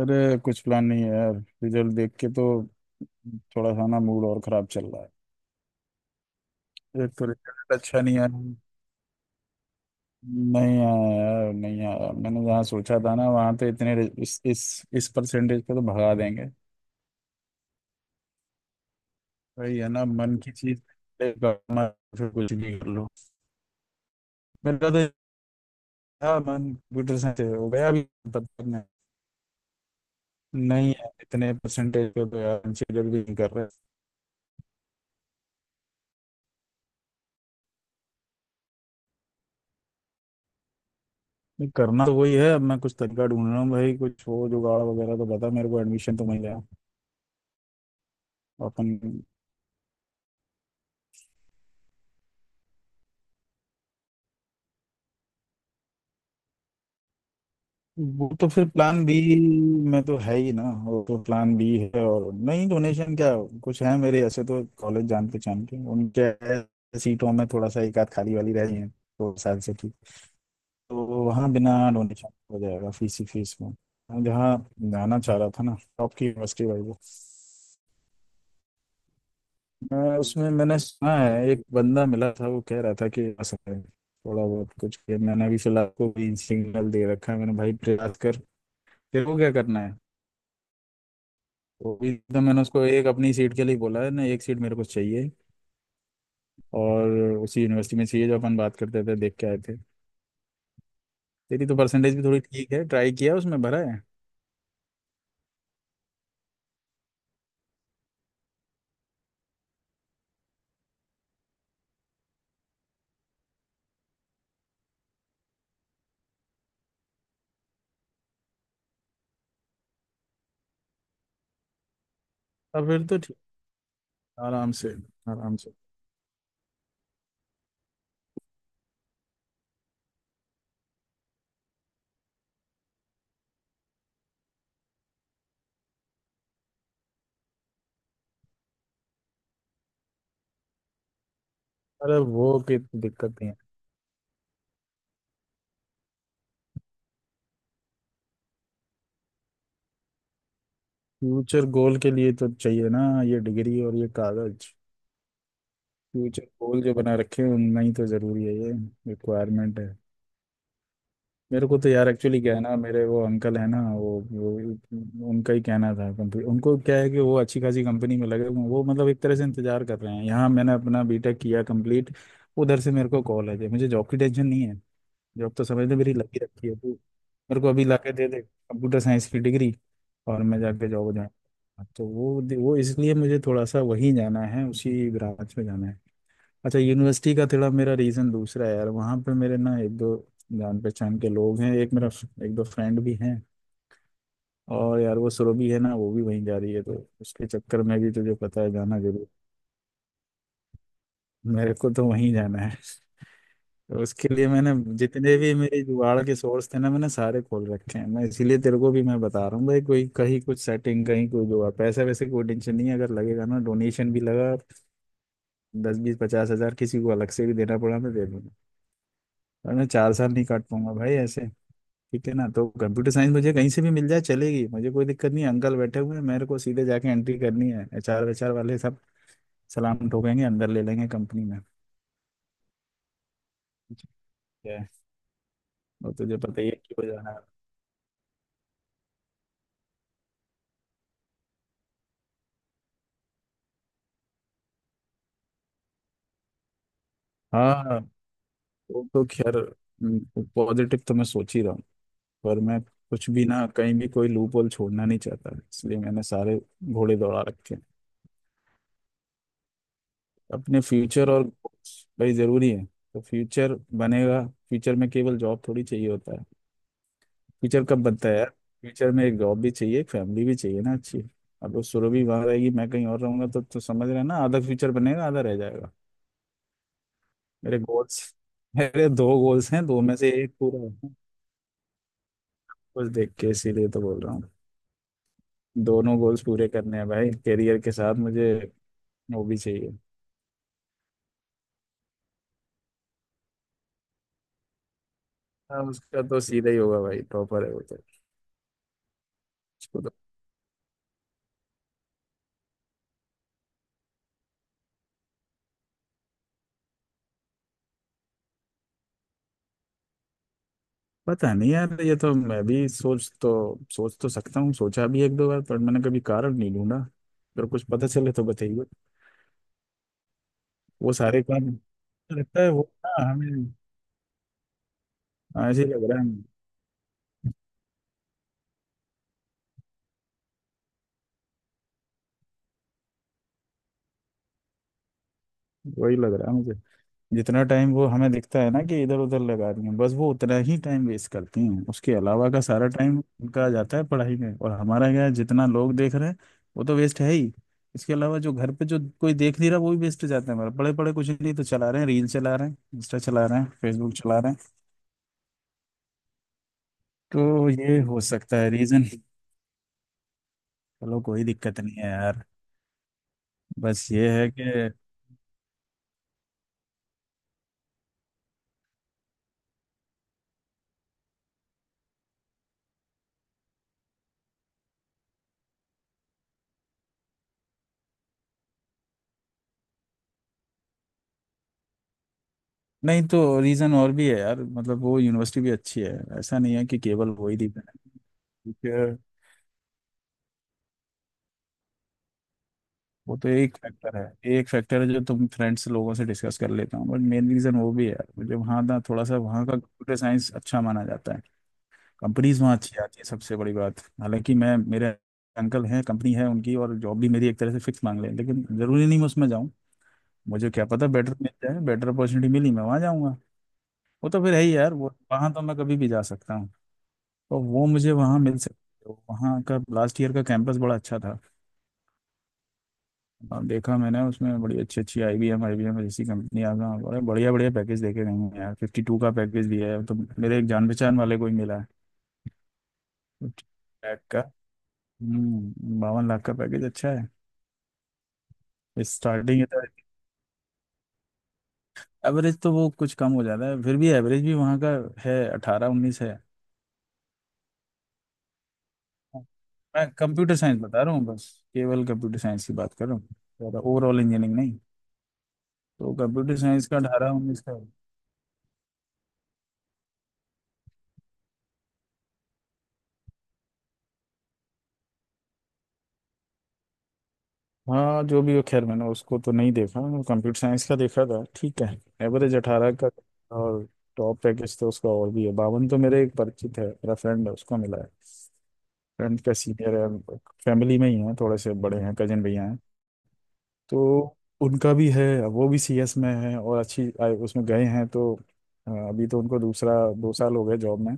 अरे कुछ प्लान नहीं है यार। रिजल्ट देख के तो थोड़ा सा ना मूड और खराब चल रहा है। एक तो रिजल्ट अच्छा नहीं आया, नहीं आया यार, नहीं आया। मैंने जहाँ सोचा था ना वहाँ तो इतने रि- इस परसेंटेज पे तो भगा देंगे। भाई है ना मन की चीज करना, फिर कुछ भी कर लो। मेरा तो था मन कंप्यूटर साइंस से, हो गया अभी तब तक नहीं। नहीं है, इतने परसेंटेज पे तो यार कंसिडर भी नहीं कर रहे। नहीं, करना तो वही है। अब मैं कुछ तरीका ढूंढ रहा हूँ भाई, कुछ हो जुगाड़ वगैरह तो बता मेरे को, एडमिशन तो मिल जाए। अपन वो तो फिर प्लान बी में तो है ही ना, वो तो प्लान बी है। और नहीं डोनेशन क्या कुछ है मेरे, ऐसे तो कॉलेज जान पहचान के उनके है, सीटों में थोड़ा सा एक आध खाली वाली रह रही है तो शायद से ठीक, तो वहाँ बिना डोनेशन हो जाएगा, फीस ही फीस में। मैं जहाँ जाना चाह रहा था ना टॉप की यूनिवर्सिटी भाई, वो मैं उसमें मैंने सुना है एक बंदा मिला था, वो कह रहा था कि आ सकता है, थोड़ा बहुत कुछ किया। मैंने अभी फिलहाल को भी सिग्नल दे रखा है, मैंने भाई प्रयास कर। तेरे को क्या करना है? वो भी तो मैंने उसको एक अपनी सीट के लिए बोला है ना, एक सीट मेरे को चाहिए। और उसी यूनिवर्सिटी में चाहिए जो अपन बात करते थे, देख के आए थे। तेरी तो परसेंटेज भी थोड़ी ठीक है, ट्राई किया उसमें, भरा है। अब फिर तो ठीक। आराम से। आराम से। अरे वो की दिक्कत नहीं है। फ्यूचर गोल के लिए तो चाहिए ना ये डिग्री और ये कागज। फ्यूचर गोल जो बना रखे हैं उनमें ही तो जरूरी है ये रिक्वायरमेंट है। मेरे को तो यार एक्चुअली क्या है ना, मेरे वो अंकल है ना वो उनका ही कहना था। कंपनी उनको क्या है कि वो अच्छी खासी कंपनी में लगे हुए हैं। वो मतलब एक तरह से इंतजार कर रहे हैं, यहाँ मैंने अपना बीटेक किया कंप्लीट, उधर से मेरे को कॉल है। मुझे जॉब की टेंशन नहीं है। जॉब तो समझ ले मेरी लगी रखी है। तू मेरे को अभी ला के दे दे कंप्यूटर साइंस की डिग्री, और मैं जाके जॉब हो जाऊँ। तो वो इसलिए मुझे थोड़ा सा वहीं जाना है, उसी ब्रांच में जाना है। अच्छा यूनिवर्सिटी का थोड़ा मेरा रीज़न दूसरा है यार, वहाँ पे मेरे ना एक दो जान पहचान के लोग हैं, एक मेरा एक दो फ्रेंड भी हैं। और यार वो सुरभि है ना, वो भी वहीं जा रही है, तो उसके चक्कर में भी तुझे पता है जाना जरूर। मेरे को तो वहीं जाना है। तो उसके लिए मैंने जितने भी मेरे जुगाड़ के सोर्स थे ना मैंने सारे खोल रखे हैं। मैं इसीलिए तेरे को भी मैं बता रहा हूँ भाई, कोई कहीं कुछ सेटिंग कहीं कोई जुगाड़ पैसा वैसे कोई टेंशन नहीं है। अगर लगेगा ना डोनेशन भी, लगा दस बीस 50,000 किसी को अलग से भी देना पड़ा, मैं दे दूंगा। और मैं 4 साल नहीं काट पाऊंगा भाई ऐसे, ठीक है ना। तो कंप्यूटर साइंस मुझे कहीं से भी मिल जाए चलेगी, मुझे कोई दिक्कत नहीं है। अंकल बैठे हुए हैं, मेरे को सीधे जाके एंट्री करनी है, एचआर वेचआर वाले सब सलाम ठोकेंगे, अंदर ले लेंगे कंपनी में। ठीक है। और तुझे पता ही है क्यों जाना है। हाँ, वो तो खैर पॉजिटिव तो मैं सोच ही रहा हूँ, पर मैं कुछ भी ना कहीं भी कोई लूप होल छोड़ना नहीं चाहता, इसलिए मैंने सारे घोड़े दौड़ा रखे हैं। अपने फ्यूचर और भाई जरूरी है, तो फ्यूचर बनेगा। फ्यूचर में केवल जॉब थोड़ी चाहिए होता है। फ्यूचर कब बनता है यार, फ्यूचर में एक जॉब भी चाहिए, एक फैमिली भी चाहिए ना अच्छी। अब वो सुरभि वहां रहेगी मैं कहीं और रहूंगा, तो समझ रहे हैं ना, आधा फ्यूचर बनेगा आधा रह जाएगा। मेरे गोल्स, मेरे दो गोल्स हैं, दो में से एक पूरा होगा, कुछ देख के इसीलिए तो बोल रहा हूँ। दोनों गोल्स पूरे करने हैं भाई, करियर के साथ मुझे वो भी चाहिए। हाँ उसका तो सीधा ही होगा भाई, टॉपर है वो तो। उसको तो पता नहीं यार, ये तो मैं भी सोच तो सकता हूँ, सोचा भी एक दो बार, पर मैंने कभी कारण नहीं ढूंढा। अगर कुछ पता चले तो बताइए। वो सारे काम लगता है वो, हाँ हमें, हाँ, ऐसे ही लग रहा है हमें। वही लग रहा है मुझे। जितना टाइम वो हमें दिखता है ना कि इधर उधर लगा रही हैं बस, वो उतना ही टाइम वेस्ट करती हैं, उसके अलावा का सारा टाइम उनका जाता है पढ़ाई में। और हमारा क्या है, जितना लोग देख रहे हैं वो तो वेस्ट है ही, इसके अलावा जो घर पे जो कोई देख नहीं रहा वो भी वेस्ट जाता है हमारा। पड़े पड़े कुछ नहीं तो चला रहे हैं, रील चला रहे हैं, इंस्टा चला रहे हैं, फेसबुक चला रहे हैं। तो ये हो सकता है रीजन। चलो कोई दिक्कत नहीं है यार, बस ये है कि, नहीं तो रीज़न और भी है यार, मतलब वो यूनिवर्सिटी भी अच्छी है। ऐसा नहीं है कि केवल वही दी है। वो तो एक फैक्टर है, एक फैक्टर है जो तुम फ्रेंड्स लोगों से डिस्कस कर लेता हूँ, बट मेन रीज़न वो भी है यार, मुझे वहाँ ना थोड़ा सा, वहाँ का कंप्यूटर साइंस अच्छा माना जाता है। कंपनीज वहाँ अच्छी आती है सबसे बड़ी बात। हालांकि मैं मेरे अंकल हैं कंपनी है उनकी और जॉब भी मेरी एक तरह से फिक्स मांग ले, लेकिन ज़रूरी नहीं मैं उसमें जाऊँ। मुझे क्या पता बेटर मिल जाए, बेटर अपॉर्चुनिटी मिली मैं वहाँ जाऊँगा। वो तो फिर है ही यार, वो वहाँ तो मैं कभी भी जा सकता। तो वो मुझे वहाँ मिल सकती है। वहाँ का लास्ट ईयर का कैंपस बड़ा अच्छा था। और देखा मैंने उसमें, बड़ी अच्छी अच्छी आई बी एम जैसी कंपनियाँ का बड़े बढ़िया बढ़िया पैकेज देखे गए हैं यार। फिफ्टी टू का पैकेज भी है, तो मेरे एक जान पहचान वाले को ही मिला है। 50 लाख का। 52 लाख का पैकेज अच्छा है। स्टार्टिंग है तो। एवरेज तो वो कुछ कम हो जाता है, फिर भी एवरेज भी वहाँ का है 18-19 है। मैं कंप्यूटर साइंस बता रहा हूँ बस, केवल कंप्यूटर साइंस की बात कर रहा हूँ, ज़्यादा ओवरऑल इंजीनियरिंग नहीं। तो कंप्यूटर साइंस का 18-19 का। हाँ जो भी हो खैर, मैंने उसको तो नहीं देखा, कंप्यूटर साइंस का देखा था, ठीक है। एवरेज अठारह का। और टॉप पैकेज तो उसका और भी है बावन, तो मेरे एक परिचित है, मेरा फ्रेंड है उसको मिला है। फ्रेंड का सीनियर है, फैमिली में ही है, थोड़े से बड़े हैं, कजन भैया हैं। तो उनका भी है। अब वो भी सीएस में है और अच्छी उसमें गए हैं तो अभी तो उनको दूसरा 2 साल हो गए जॉब में।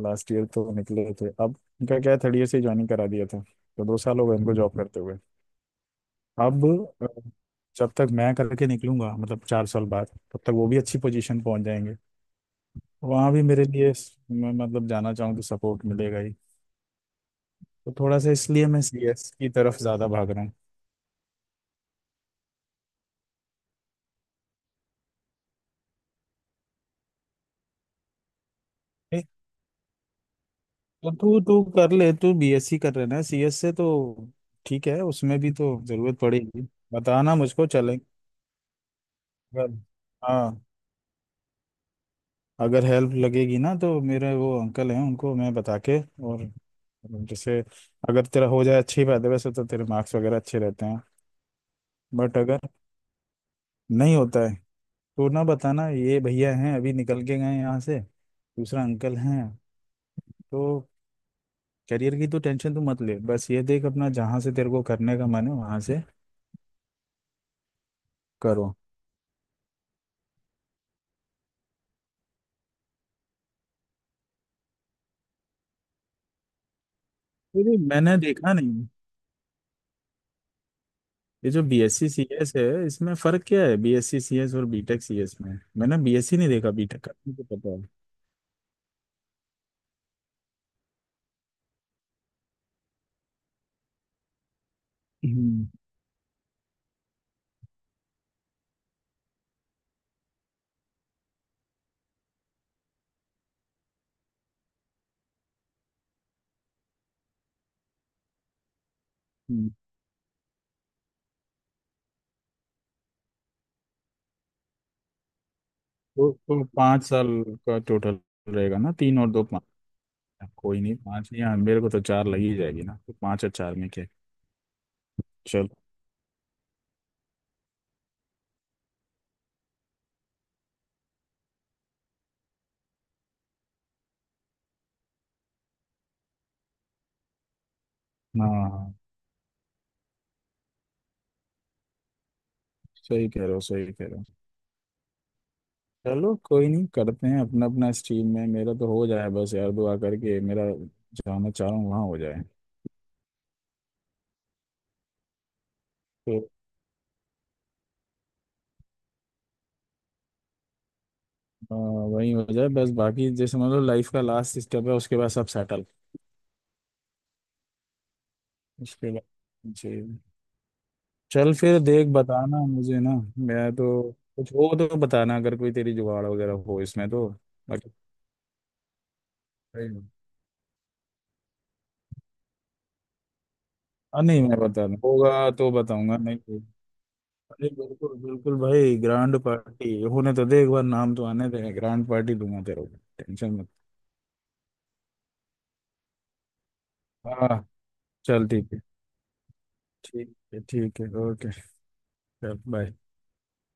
लास्ट ईयर तो निकले थे। अब उनका क्या है थर्ड ईयर से ज्वाइनिंग करा दिया था, तो 2 साल हो गए उनको जॉब करते हुए। अब अ, जब तक मैं करके निकलूंगा, मतलब 4 साल बाद, तब तक वो भी अच्छी पोजीशन पहुंच जाएंगे। वहां भी मेरे लिए मैं मतलब जाना चाहूँ तो सपोर्ट मिलेगा ही। तो थोड़ा सा इसलिए मैं सीएस की तरफ ज्यादा भाग रहा हूँ। ए, तो तू तू कर ले। तू बीएससी कर रहे ना सीएस से, तो ठीक है, उसमें भी तो जरूरत पड़ेगी। बताना मुझको, चले अगर- हाँ अगर हेल्प लगेगी ना तो मेरे वो अंकल हैं उनको मैं बता के, और जैसे अगर तेरा हो जाए अच्छी बात है, वैसे तो तेरे मार्क्स वगैरह अच्छे रहते हैं, बट अगर नहीं होता है तो ना बताना, ये भैया हैं अभी निकल के गए यहाँ से दूसरा अंकल हैं। तो करियर की तो टेंशन तू मत ले, बस ये देख अपना, जहाँ से तेरे को करने का मन है वहाँ से करो। अरे मैंने देखा नहीं, ये जो B S C C S है, इसमें फर्क क्या है B S C C S और बी टेक सी एस में? मैंने बी एस सी नहीं देखा, बी टेक का मुझे पता है। हम्म, हम्म। तो 5 साल का टोटल रहेगा ना, तीन और दो पाँच। कोई नहीं पाँच नहीं, हाँ, मेरे को तो चार लग ही जाएगी ना, तो पाँच और चार में क्या है? चल। हाँ सही कह रहे हो, सही कह रहे हो। चलो कोई नहीं, करते हैं अपना अपना स्ट्रीम में, मेरा तो हो जाए बस यार दुआ करके, मेरा जाना चाह रहा हूँ वहाँ, हो जाए तो। वही हो जाए बस, बाकी जैसे मतलब लाइफ का लास्ट स्टेप है, उसके बाद सब सेटल। उसके बाद जी। चल फिर, देख बताना मुझे ना। मैं तो, कुछ हो तो बताना, अगर कोई तेरी जुगाड़ वगैरह हो इसमें तो। बाकी हाँ नहीं, मैं बताना होगा तो बताऊंगा, नहीं तो। अरे बिल्कुल बिल्कुल भाई, ग्रैंड पार्टी होने तो दे, एक बार नाम तो आने दे, ग्रैंड पार्टी दूंगा तेरे को, टेंशन मत। हाँ। चल ठीक है, ठीक है, ठीक है, ओके। चल बाय।